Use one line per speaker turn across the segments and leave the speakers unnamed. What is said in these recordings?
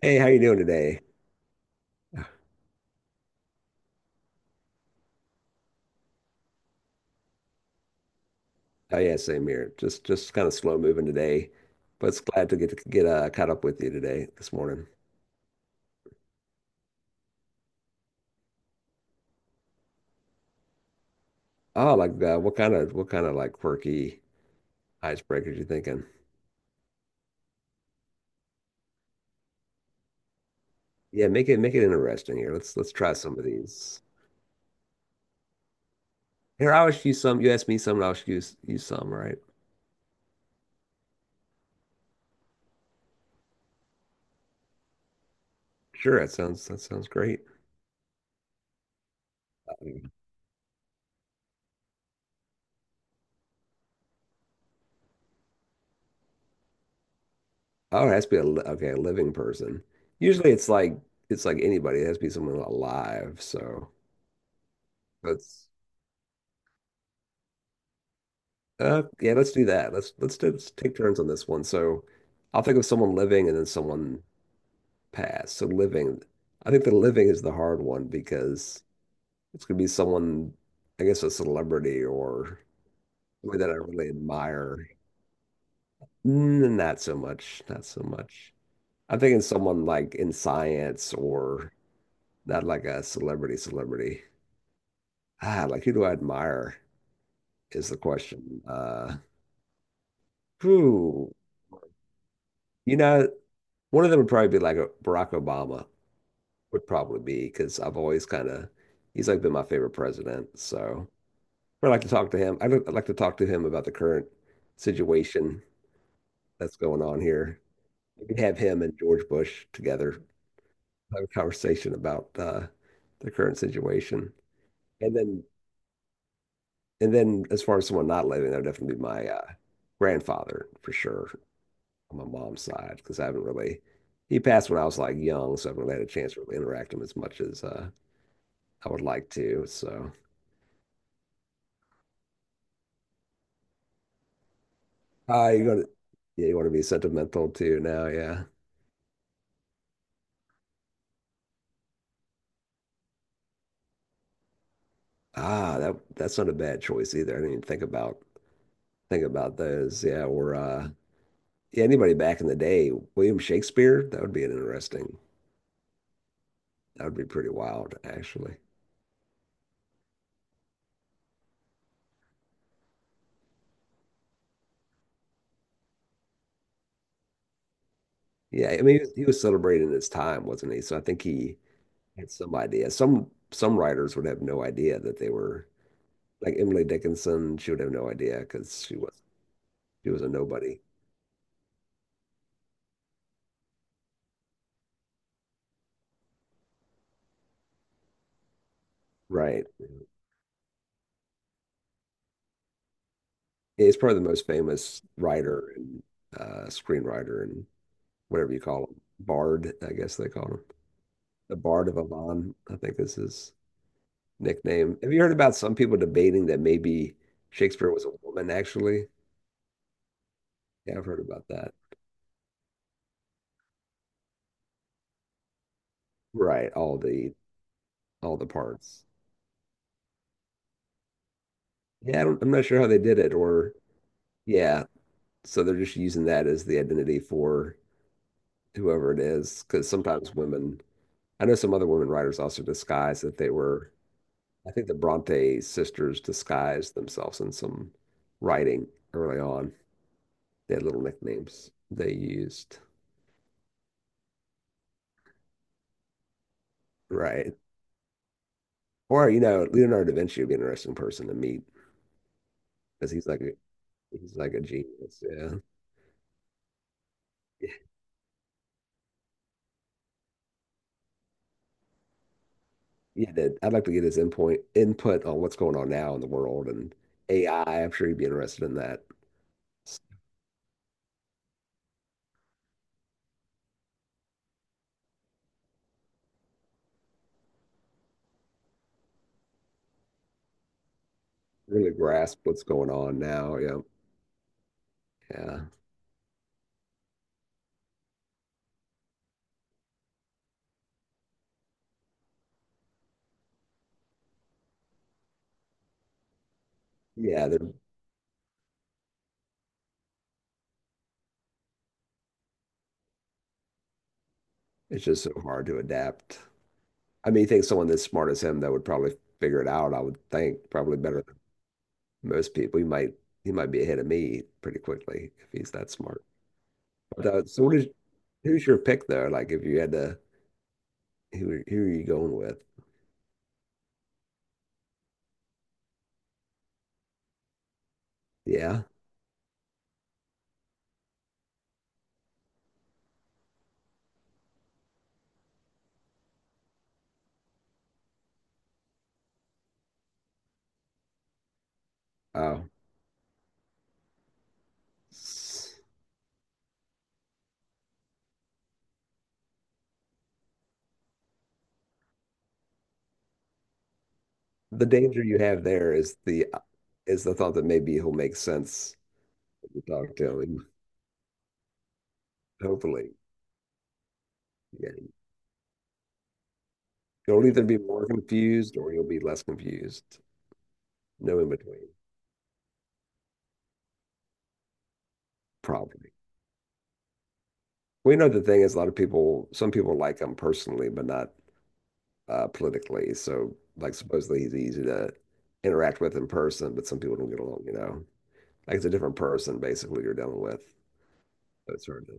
Hey, how you doing today? Oh yeah, same here. Just kind of slow moving today, but it's glad to get caught up with you today this morning. Oh, like what kind of like quirky icebreakers you thinking? Yeah, make it interesting here. Let's try some of these. Here, I'll ask you some. You ask me some, and I'll ask you some. All right? Sure. That sounds great. Um, Oh, it has to be okay, a living person. Usually, it's like anybody. It has to be someone alive. So that's. Yeah, let's do that. Let's take turns on this one. So, I'll think of someone living and then someone past. So living, I think the living is the hard one because it's gonna be someone, I guess, a celebrity or somebody that I really admire. Mm, not so much. Not so much. I'm thinking someone like in science or not like a celebrity. Ah, like who do I admire is the question. Who? You know, one of them would probably be like a Barack Obama. Would probably be because I've always kind of he's been my favorite president. So I like to talk to him. I would like to talk to him about the current situation that's going on here. We could have him and George Bush together have a conversation about the current situation. And then and then as far as someone not living, that would definitely be my grandfather for sure on my mom's side because I haven't really he passed when I was like young, so I haven't really had a chance to really interact with him as much as I would like to. So ah, you got to, yeah, you want to be sentimental too now, yeah. Ah, that that's not a bad choice either. I didn't even think about those. Yeah, or yeah, anybody back in the day, William Shakespeare, that would be an interesting. That would be pretty wild, actually. Yeah, I mean, he was celebrating his time, wasn't he? So I think he had some idea. Some writers would have no idea that they were like Emily Dickinson. She would have no idea because she was a nobody, right? He's probably the most famous writer and screenwriter and whatever you call him. Bard, I guess they call him. The Bard of Avon, I think is his nickname. Have you heard about some people debating that maybe Shakespeare was a woman, actually? Yeah, I've heard about that. Right, all the parts. Yeah, I'm not sure how they did it, or yeah, so they're just using that as the identity for whoever it is, because sometimes women, I know some other women writers also disguise that they were I think the Bronte sisters disguised themselves in some writing early on. They had little nicknames they used. Right. Or, you know, Leonardo da Vinci would be an interesting person to meet because he's like a genius. Yeah. Yeah, that- I'd like to get his input on what's going on now in the world and AI. I'm sure he'd be interested in that. Really grasp what's going on now. Yeah. Yeah. Yeah. It's just so hard to adapt. I mean, you think someone as smart as him that would probably figure it out, I would think, probably better than most people. He might be ahead of me pretty quickly if he's that smart. But so what is who's your pick though? Like if you had to who are you going with? Yeah. Oh. S- The danger you have there is the thought that maybe he'll make sense when you talk to him. Hopefully. Yeah. You'll either be more confused or you'll be less confused. No in between. Probably. We know the thing is a lot of people, some people like him personally, but not politically. So, like, supposedly he's easy to interact with in person, but some people don't get along, you know. Like, it's a different person, basically, you're dealing with. So it's hard to,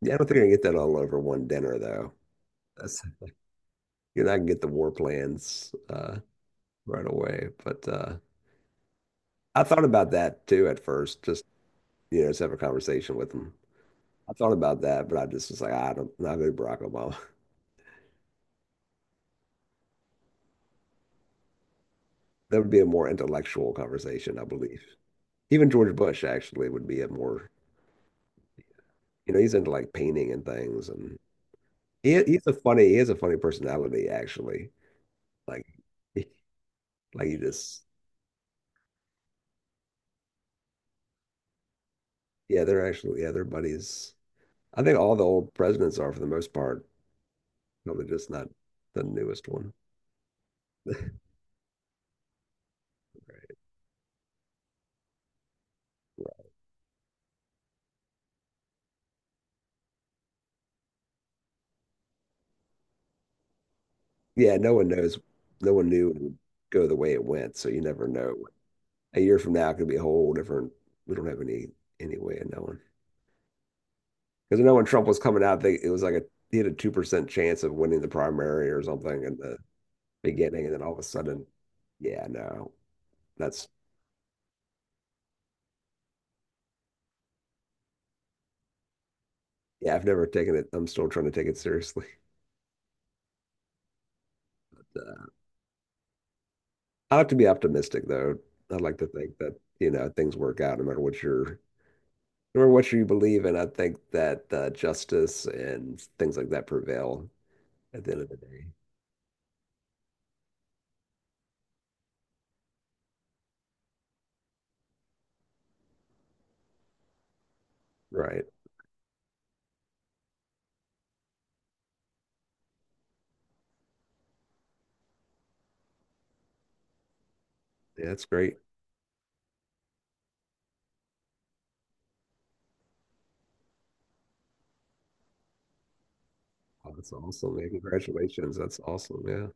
yeah, I don't think you're gonna get that all over one dinner, though. That's, you're not gonna get the war plans right away. But I thought about that too at first, just, you know, just have a conversation with him. I thought about that, but I just was like, "Ah, I don't, not go to Barack Obama. That would be a more intellectual conversation, I believe. Even George Bush actually would be a more, you know, he's into like painting and things, and he's a funny he has a funny personality actually. Like, he- like you just yeah, they're actually yeah, they're buddies. I think all the old presidents are for the most part. Probably just not the newest one. Yeah, no one knows. No one knew it would go the way it went, so you never know. A year from now, it could be a whole different. We don't have any way of knowing because I know when Trump was coming out, they, it was like a he had a 2% chance of winning the primary or something, and the beginning, and then all of a sudden, yeah, no, that's yeah. I've never taken it. I'm still trying to take it seriously. But, I like to be optimistic, though. I like to think that you know things work out no matter what you're, no matter what you believe in. I think that justice and things like that prevail at the end of the day. Right? Yeah, that's great. Oh, that's awesome. Man. Congratulations. That's awesome. Yeah.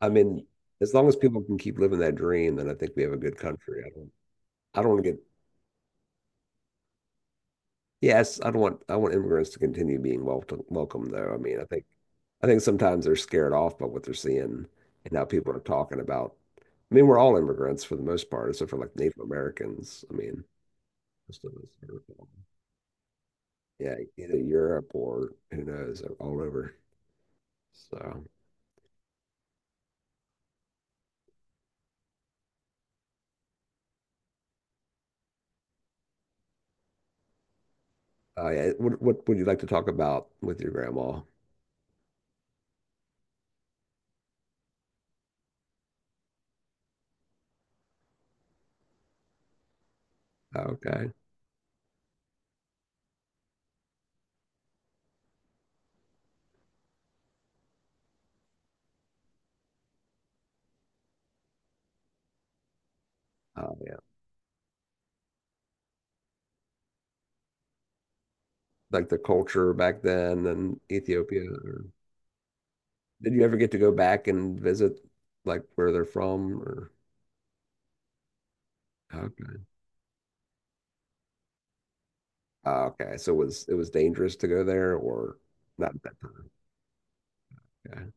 I mean, as long as people can keep living that dream, then I think we have a good country. I don't. I don't want to get yes, I don't want I want immigrants to continue being welcome, welcome though. I mean, I think sometimes they're scared off by what they're seeing and how people are talking about. I mean, we're all immigrants for the most part, except for like Native Americans. I mean, most of us are, yeah, either Europe or who knows, all over. So, yeah, what would you like to talk about with your grandma? Okay, yeah, like the culture back then in Ethiopia. Or, did you ever get to go back and visit like where they're from or? Okay. Ah, okay. So it was dangerous to go there or not at that time. Okay.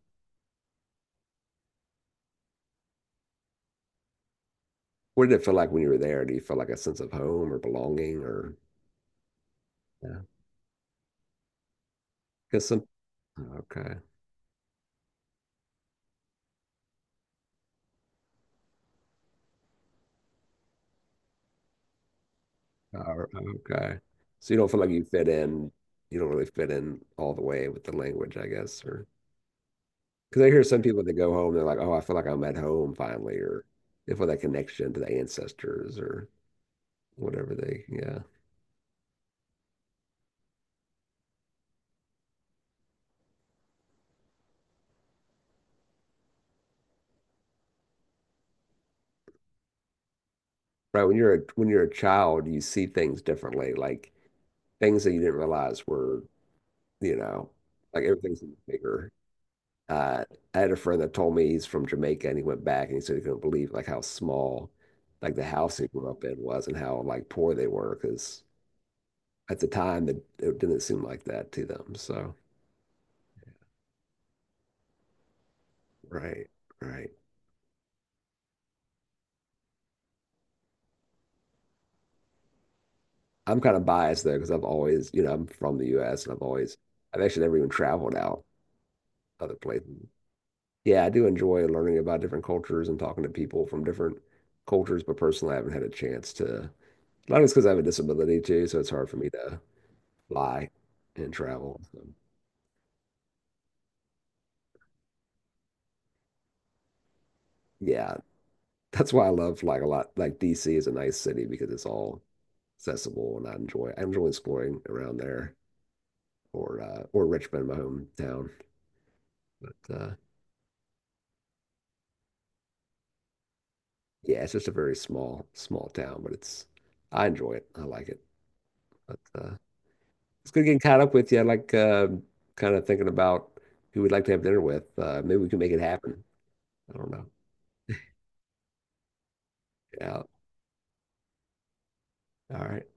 What did it feel like when you were there? Do you feel like a sense of home or belonging or yeah? Because some okay. Oh, okay. So you don't feel like you fit in. You don't really fit in all the way with the language, I guess, or because I hear some people that go home, they're like, "Oh, I feel like I'm at home finally," or they feel that connection to the ancestors or whatever they, yeah. Right. When you're a child, you see things differently, like things that you didn't realize were you know, like everything's bigger. Uh, I had a friend that told me he's from Jamaica and he went back and he said he couldn't believe like how small like the house he grew up in was and how like poor they were because at the time it didn't seem like that to them. So, right, right. I'm kind of biased though because I've always, you know, I'm from the US and I've always, I've actually never even traveled out other places. Yeah, I do enjoy learning about different cultures and talking to people from different cultures, but personally, I haven't had a chance to. Long as because I have a disability too, so it's hard for me to fly and travel. So, yeah, that's why I love like a lot. Like DC is a nice city because it's all accessible, and I enjoy exploring around there or Richmond, my hometown. But yeah, it's just a very small town, but it's I enjoy it. I like it. But it's good getting caught up with you. I like kind of thinking about who we'd like to have dinner with. Maybe we can make it happen. I don't know. Yeah. All right.